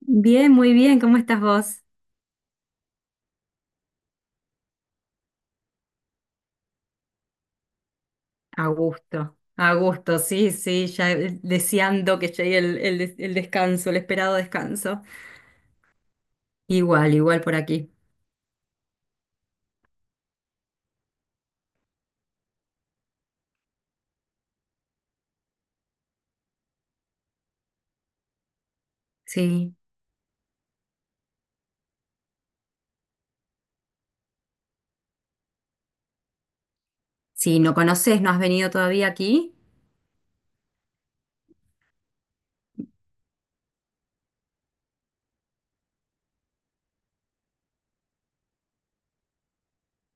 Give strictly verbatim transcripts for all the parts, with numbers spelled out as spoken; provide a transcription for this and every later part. Bien, muy bien, ¿cómo estás vos? A gusto, a gusto, sí, sí, ya eh, deseando que llegue el, el des- el descanso, el esperado descanso. Igual, igual por aquí. Sí, sí, no conoces, no has venido todavía aquí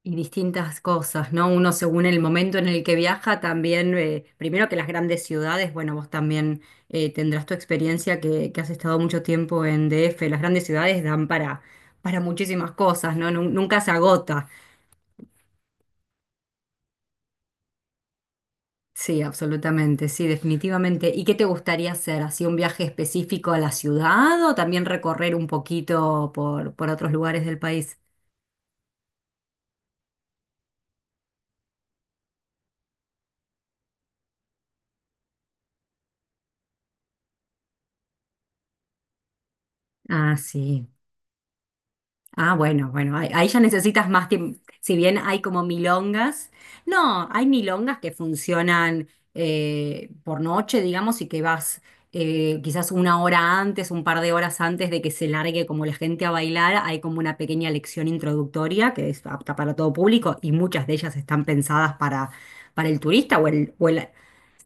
y distintas cosas, ¿no? Uno según el momento en el que viaja también, eh, primero que las grandes ciudades, bueno, vos también eh, tendrás tu experiencia que, que has estado mucho tiempo en D F. Las grandes ciudades dan para, para muchísimas cosas, ¿no? Nun- Nunca se agota. Sí, absolutamente, sí, definitivamente. ¿Y qué te gustaría hacer? ¿Así un viaje específico a la ciudad o también recorrer un poquito por, por otros lugares del país? Ah, sí. Ah, bueno, bueno, ahí, ahí ya necesitas más tiempo. Si bien hay como milongas, no, hay milongas que funcionan eh, por noche, digamos, y que vas eh, quizás una hora antes, un par de horas antes de que se largue como la gente a bailar. Hay como una pequeña lección introductoria que es apta para todo público y muchas de ellas están pensadas para, para el turista o el, o el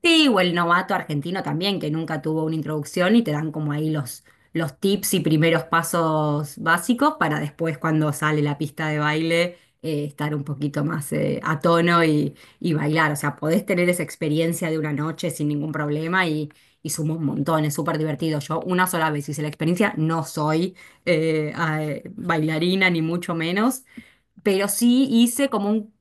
Sí, o el novato argentino también, que nunca tuvo una introducción y te dan como ahí los, los tips y primeros pasos básicos para después cuando sale la pista de baile eh, estar un poquito más eh, a tono y, y bailar. O sea, podés tener esa experiencia de una noche sin ningún problema y, y suma un montón, es súper divertido. Yo una sola vez hice la experiencia, no soy eh, ah, eh, bailarina ni mucho menos, pero sí hice como un.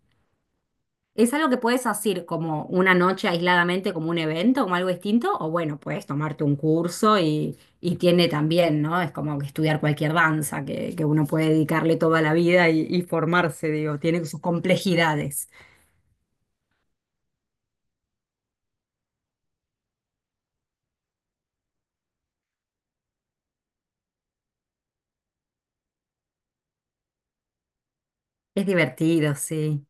¿Es algo que puedes hacer como una noche aisladamente, como un evento, como algo distinto? O bueno, puedes tomarte un curso y, y tiene también, ¿no? Es como que estudiar cualquier danza, que, que uno puede dedicarle toda la vida y, y formarse, digo, tiene sus complejidades. Es divertido, sí.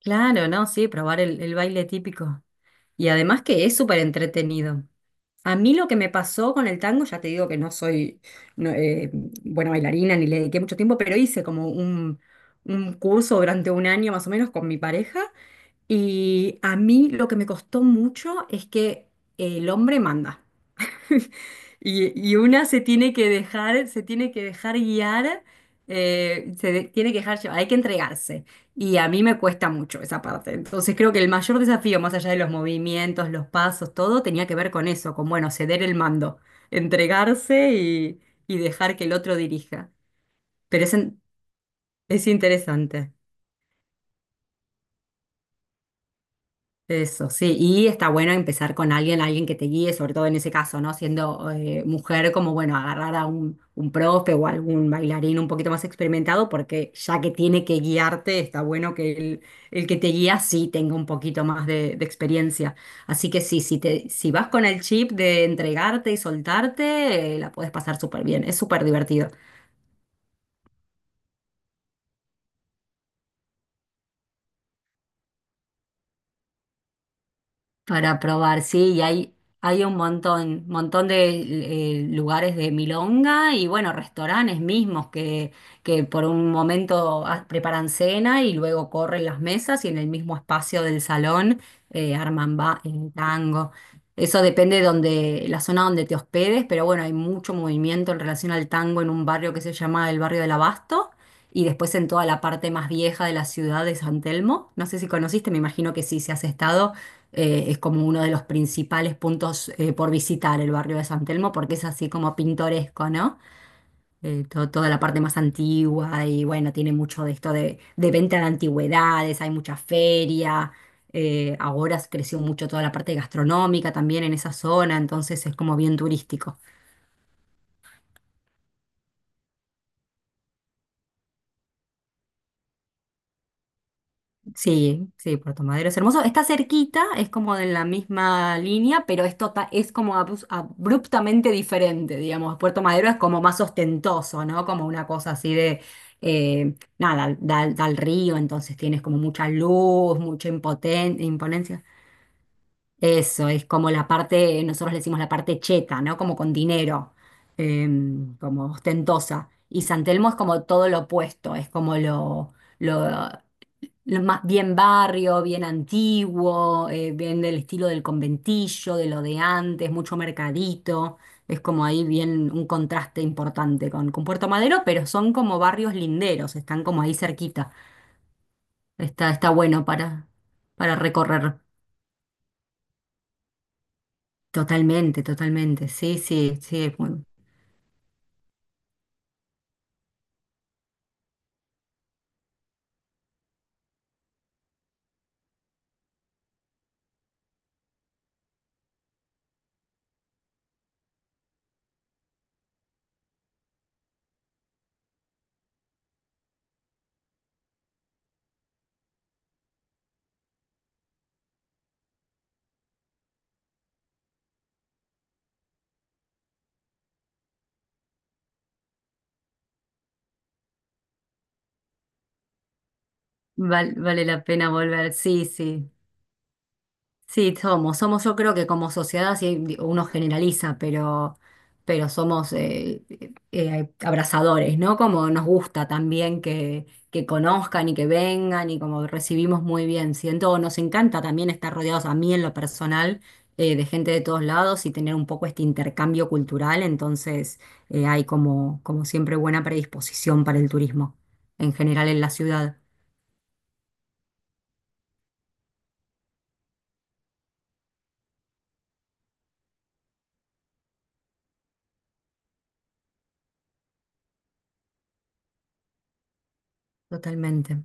Claro, ¿no? Sí, probar el, el baile típico. Y además que es súper entretenido. A mí lo que me pasó con el tango, ya te digo que no soy, no, eh, buena bailarina ni le dediqué mucho tiempo, pero hice como un, un curso durante un año más o menos con mi pareja y a mí lo que me costó mucho es que el hombre manda. Y, y una se tiene que dejar, se tiene que dejar guiar, eh, se de- tiene que dejar llevar, hay que entregarse. Y a mí me cuesta mucho esa parte. Entonces creo que el mayor desafío, más allá de los movimientos, los pasos, todo, tenía que ver con eso, con, bueno, ceder el mando, entregarse y, y dejar que el otro dirija. Pero es, en- es interesante. Eso, sí, y está bueno empezar con alguien, alguien que te guíe, sobre todo en ese caso, ¿no? Siendo eh, mujer, como bueno, agarrar a un, un profe o algún bailarín un poquito más experimentado, porque ya que tiene que guiarte, está bueno que el, el que te guía sí tenga un poquito más de, de experiencia. Así que sí, si te, si vas con el chip de entregarte y soltarte, eh, la puedes pasar súper bien, es súper divertido. Para probar, sí, y hay, hay un montón, montón de eh, lugares de milonga y bueno, restaurantes mismos que, que por un momento ah, preparan cena y luego corren las mesas y en el mismo espacio del salón eh, arman ba- eh, tango. Eso depende de donde, la zona donde te hospedes, pero bueno, hay mucho movimiento en relación al tango en un barrio que se llama el barrio del Abasto y después en toda la parte más vieja de la ciudad de San Telmo. No sé si conociste, me imagino que sí, si has estado eh, es como uno de los principales puntos eh, por visitar el barrio de San Telmo porque es así como pintoresco, ¿no? Eh, to- toda la parte más antigua y bueno, tiene mucho de esto de, de venta de antigüedades, hay mucha feria, eh, ahora creció mucho toda la parte gastronómica también en esa zona, entonces es como bien turístico. Sí, sí, Puerto Madero es hermoso. Está cerquita, es como de la misma línea, pero es, tota- es como abus- abruptamente diferente, digamos. Puerto Madero es como más ostentoso, ¿no? Como una cosa así de, eh, nada, da, da al río, entonces tienes como mucha luz, mucha impoten- imponencia. Eso es como la parte, nosotros le decimos la parte cheta, ¿no? Como con dinero, em, como ostentosa. Y San Telmo es como todo lo opuesto, es como lo, lo, lo más bien barrio, bien antiguo, eh, bien del estilo del conventillo, de lo de antes, mucho mercadito. Es como ahí bien un contraste importante con, con Puerto Madero, pero son como barrios linderos, están como ahí cerquita. Está, está bueno para, para recorrer. Totalmente, totalmente. Sí, sí, sí. Bueno, val- vale la pena volver. Sí, sí. Sí, somos, somos yo creo que como sociedad sí, di- uno generaliza, pero, pero somos eh, eh, abrazadores, ¿no? Como nos gusta también que, que conozcan y que vengan y como recibimos muy bien. Siento, nos encanta también estar rodeados a mí en lo personal eh, de gente de todos lados y tener un poco este intercambio cultural, entonces eh, hay como, como siempre buena predisposición para el turismo en general en la ciudad. Totalmente.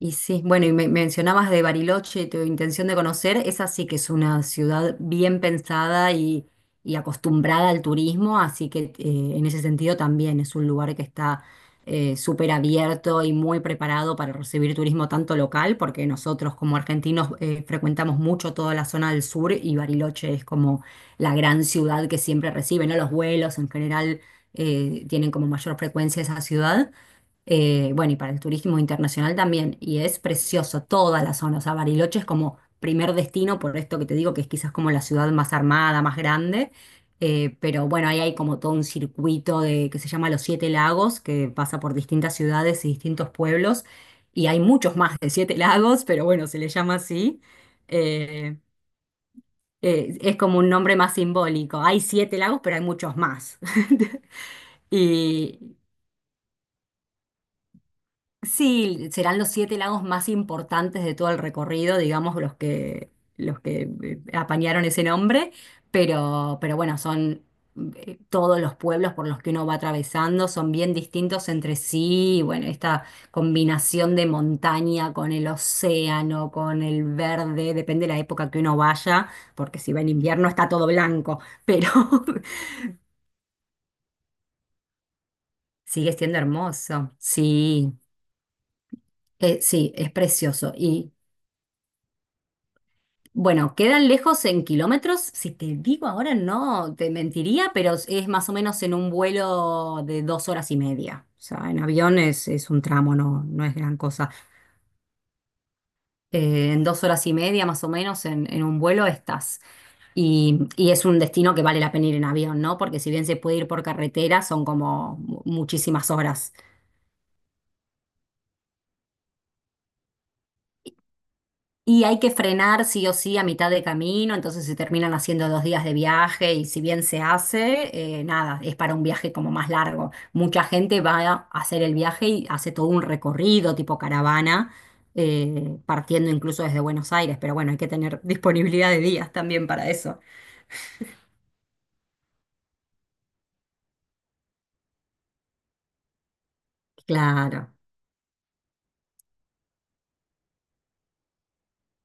Y sí, bueno, y me mencionabas de Bariloche, tu intención de conocer, esa sí que es una ciudad bien pensada y, y acostumbrada al turismo, así que eh, en ese sentido también es un lugar que está eh, súper abierto y muy preparado para recibir turismo tanto local, porque nosotros como argentinos eh, frecuentamos mucho toda la zona del sur y Bariloche es como la gran ciudad que siempre recibe, ¿no? Los vuelos en general eh, tienen como mayor frecuencia esa ciudad, eh, bueno, y para el turismo internacional también, y es precioso toda la zona. O sea, Bariloche es como primer destino, por esto que te digo que es quizás como la ciudad más armada, más grande, eh, pero bueno, ahí hay como todo un circuito de, que se llama Los Siete Lagos, que pasa por distintas ciudades y distintos pueblos, y hay muchos más de siete lagos, pero bueno, se le llama así, eh, eh, es como un nombre más simbólico, hay siete lagos, pero hay muchos más. Y, Sí, serán los siete lagos más importantes de todo el recorrido, digamos, los que, los que eh, apañaron ese nombre, pero, pero bueno, son eh, todos los pueblos por los que uno va atravesando, son bien distintos entre sí, y bueno, esta combinación de montaña con el océano, con el verde, depende de la época que uno vaya, porque si va en invierno está todo blanco, pero sigue siendo hermoso, sí. Eh, sí, es precioso. y Bueno, quedan lejos en kilómetros. Si te digo ahora no, te mentiría, pero es es más o menos en un vuelo de dos horas y media. O sea, en avión es, es un tramo, no, no es gran cosa. Eh, en dos horas y media más o menos en, en un vuelo estás. Y, y es un destino que vale la pena ir en avión, ¿no? Porque si bien se puede ir por carretera, son como mu- muchísimas horas. Y hay que frenar sí o sí a mitad de camino, entonces se terminan haciendo dos días de viaje y si bien se hace, eh, nada, es para un viaje como más largo. Mucha gente va a hacer el viaje y hace todo un recorrido tipo caravana, eh, partiendo incluso desde Buenos Aires, pero bueno, hay que tener disponibilidad de días también para eso. Claro,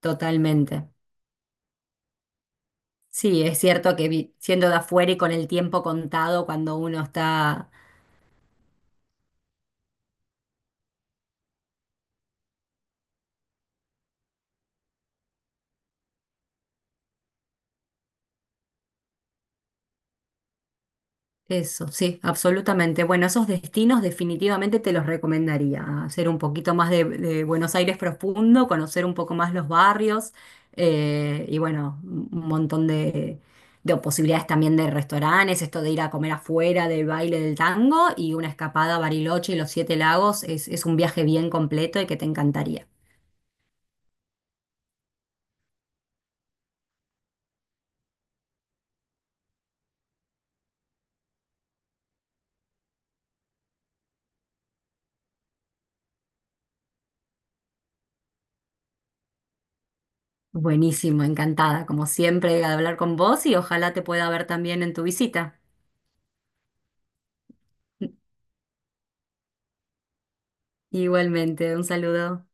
totalmente. Sí, es cierto que vi- siendo de afuera y con el tiempo contado, cuando uno está. Eso, sí, absolutamente. Bueno, esos destinos definitivamente te los recomendaría. Hacer un poquito más de, de Buenos Aires profundo, conocer un poco más los barrios eh, y bueno, un un montón de, de posibilidades también de restaurantes, esto de ir a comer afuera, del baile del tango y una escapada a Bariloche y los Siete Lagos es, es un viaje bien completo y que te encantaría. Buenísimo, encantada, como siempre, de hablar con vos y ojalá te pueda ver también en tu visita. Igualmente, un saludo.